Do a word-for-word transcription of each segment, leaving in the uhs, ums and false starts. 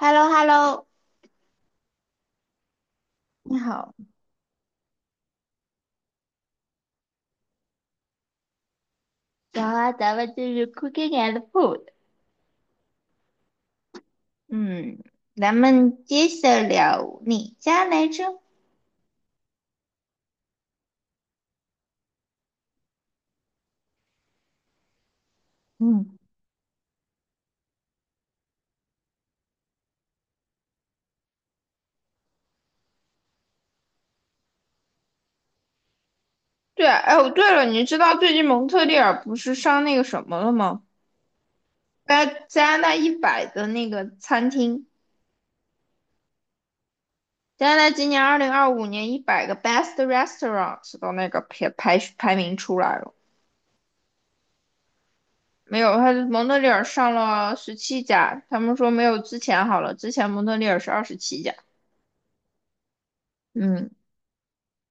h e l l o h e l l o 你好，然后咱们就是 Cooking and Food。嗯咱们接着聊哪家来着？嗯，对啊，哎，哦，对了，你知道最近蒙特利尔不是上那个什么了吗？在加拿大一百的那个餐厅。加拿大今年二零二五年一百个 Best Restaurants 的那个排排排名出来了。没有，他蒙特利尔上了十七家，他们说没有之前好了，之前蒙特利尔是二十七家。嗯，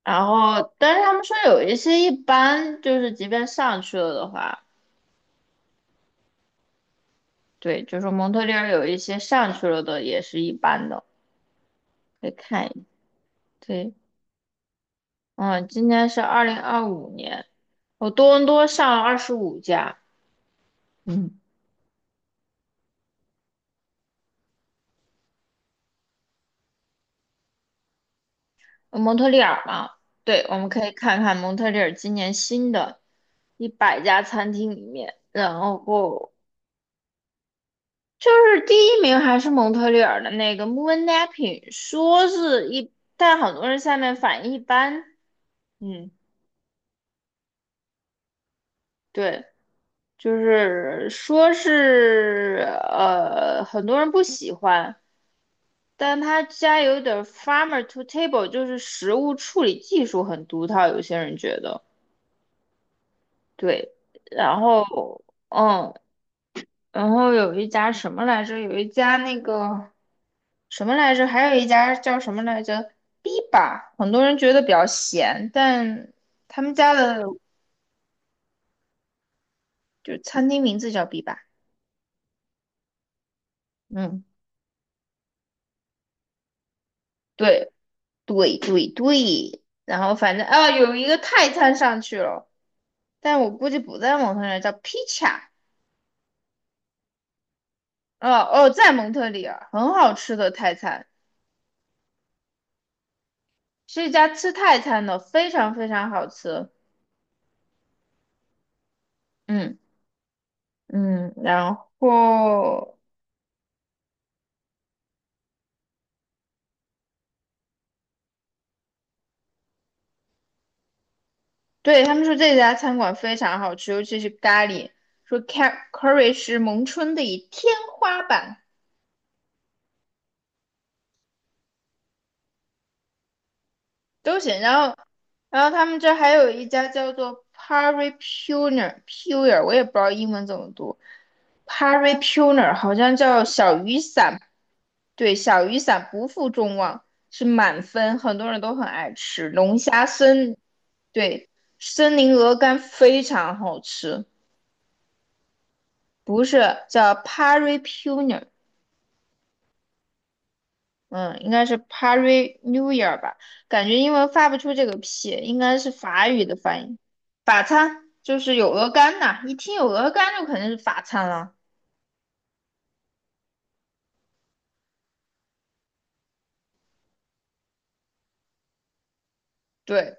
然后，但是他们说有一些一般，就是即便上去了的话，对，就是蒙特利尔有一些上去了的也是一般的，可以看一眼。对。嗯，今年是二零二五年，我多伦多上了二十五家。嗯，蒙特利尔嘛，对，我们可以看看蒙特利尔今年新的一百家餐厅里面，然后就是第一名还是蒙特利尔的那个 Moon Napping，说是一，但很多人下面反应一般。嗯，对，就是说是呃，很多人不喜欢，但他家有点儿 farmer to table，就是食物处理技术很独特，有些人觉得对。然后，嗯，然后有一家什么来着？有一家那个什么来着？还有一家叫什么来着？Biba，很多人觉得比较咸，但他们家的，就餐厅名字叫 Biba。嗯。对，对对对，然后反正啊，有一个泰餐上去了，但我估计不在蒙特利尔，叫披萨。哦哦，在蒙特利尔，很好吃的泰餐，是一家吃泰餐的，非常非常好吃。嗯嗯，然后对他们说这家餐馆非常好吃，尤其是咖喱，说 ca- curry 是蒙春的一天花板。都行。然后，然后他们这还有一家叫做 Pari Puner Puer，我也不知道英文怎么读，Pari Puner 好像叫小雨伞，对，小雨伞不负众望，是满分，很多人都很爱吃龙虾森，对，森林鹅肝非常好吃，不是叫 Pari Puner。嗯，应该是 p a r i New Year 吧？感觉英文发不出这个 P，应该是法语的发音。法餐就是有鹅肝呐，一听有鹅肝就肯定是法餐了。对，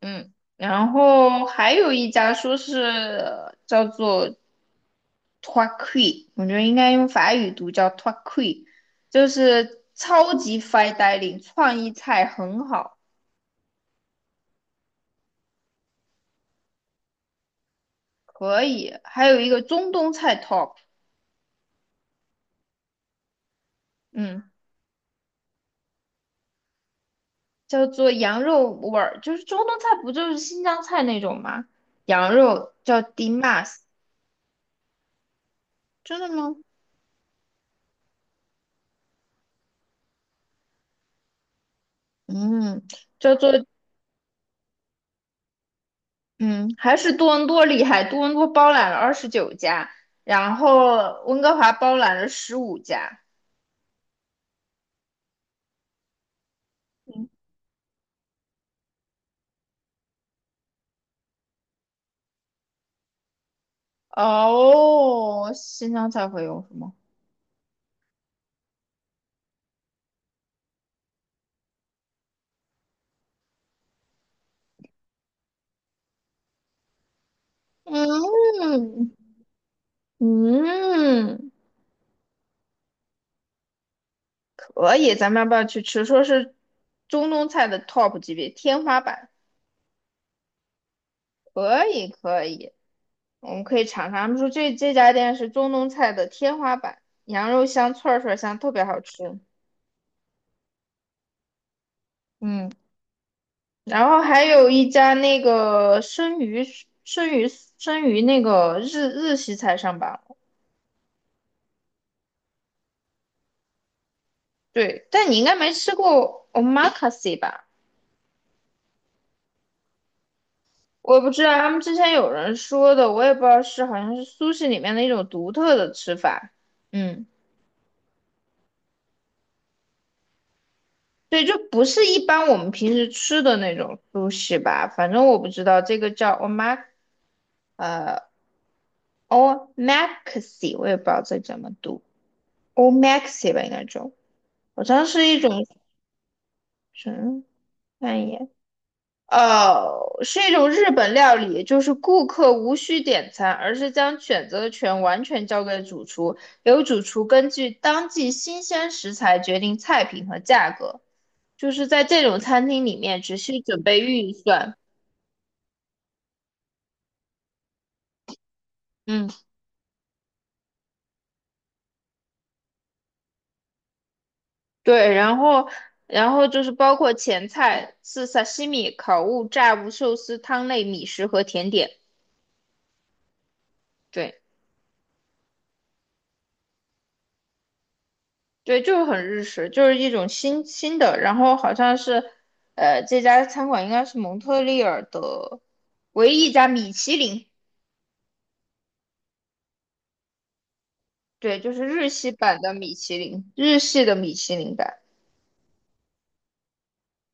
嗯，然后还有一家说是呃叫做 t o i q u i， 我觉得应该用法语读叫 t o i q u i， 就是超级 fine dining，创意菜很好。可以。还有一个中东菜 Top。嗯。叫做羊肉味儿，就是中东菜不就是新疆菜那种吗？羊肉叫 dimas。真的吗？嗯，叫做嗯，还是多伦多厉害，多伦多包揽了二十九家，然后温哥华包揽了十五家。嗯，哦，新疆菜会有什么？嗯嗯，可以，咱们要不要去吃？说是中东菜的 top 级别，天花板。可以可以。我们可以尝尝。他们说这这家店是中东菜的天花板，羊肉香、串串香，特别好吃。嗯，然后还有一家那个生鱼生鱼生鱼那个日日系菜上榜了。对，但你应该没吃过 omakase 吧？我也不知道，他们之前有人说的，我也不知道是好像是苏式里面的一种独特的吃法。嗯，对，就不是一般我们平时吃的那种苏式吧，反正我不知道这个叫 omak O Maxi，我也不知道这怎么读，O Maxi 吧，应该中。好像是一种什么，看一眼。哦，是一种日本料理，就是顾客无需点餐，而是将选择权完全交给主厨，由主厨根据当季新鲜食材决定菜品和价格。就是在这种餐厅里面，只需准备预算。嗯。对，然后，然后就是包括前菜是萨西米、烤物、炸物、寿司、汤类、米食和甜点。对，对，就是很日式，就是一种新新的。然后好像是，呃，这家餐馆应该是蒙特利尔的唯一一家米其林。对，就是日系版的米其林，日系的米其林版。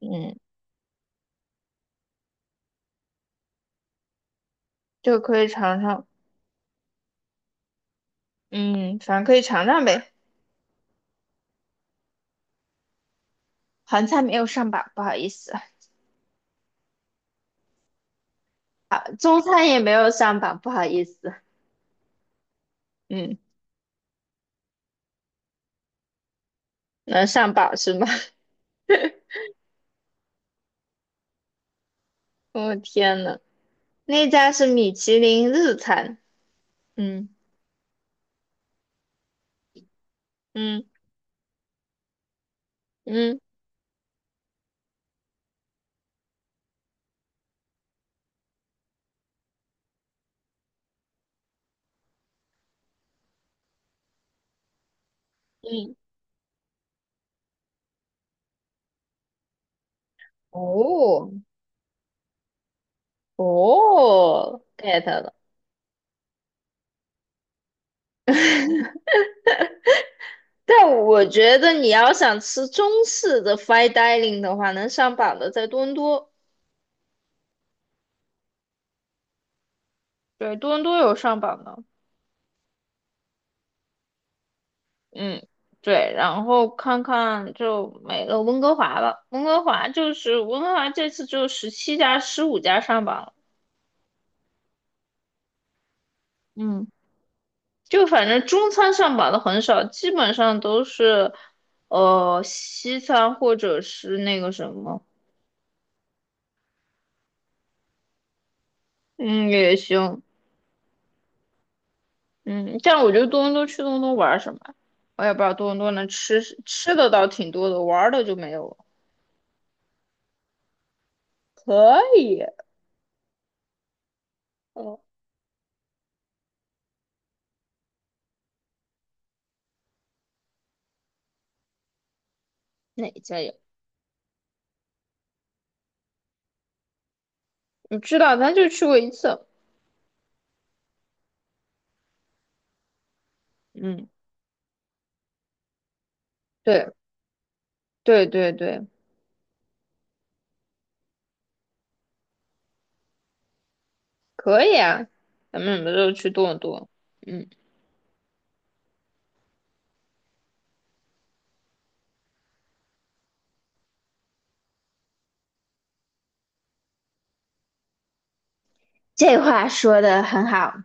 嗯，就可以尝尝。嗯，反正可以尝尝呗。韩餐没有上榜，不好意思。啊，中餐也没有上榜，不好意思。嗯。能上榜是吗？我天呐，那家是米其林日餐。嗯嗯嗯嗯，哦哦，get 了。但我觉得你要想吃中式的 fine dining 的话，能上榜的在多伦多。对，多伦多有上榜的。嗯，对，然后看看就没了温哥华了，温哥华就是温哥华这次只有十七家、十五家上榜了。嗯。就反正中餐上榜的很少，基本上都是呃西餐或者是那个什么。嗯，也行。嗯，但我觉得多伦多去多伦多玩什么呀。我也不知道多伦多能吃吃的倒挺多的，玩儿的就没有了。可以。哦，哪家有？你知道，咱就去过一次。嗯，对对对对，可以啊，咱们什么时候去多伦多？嗯，这话说的很好。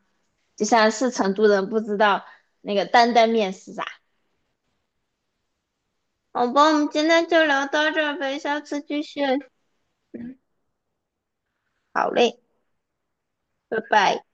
就像是成都人不知道那个担担面是啥。好吧，我们今天就聊到这儿呗，下次继续。好嘞，拜拜。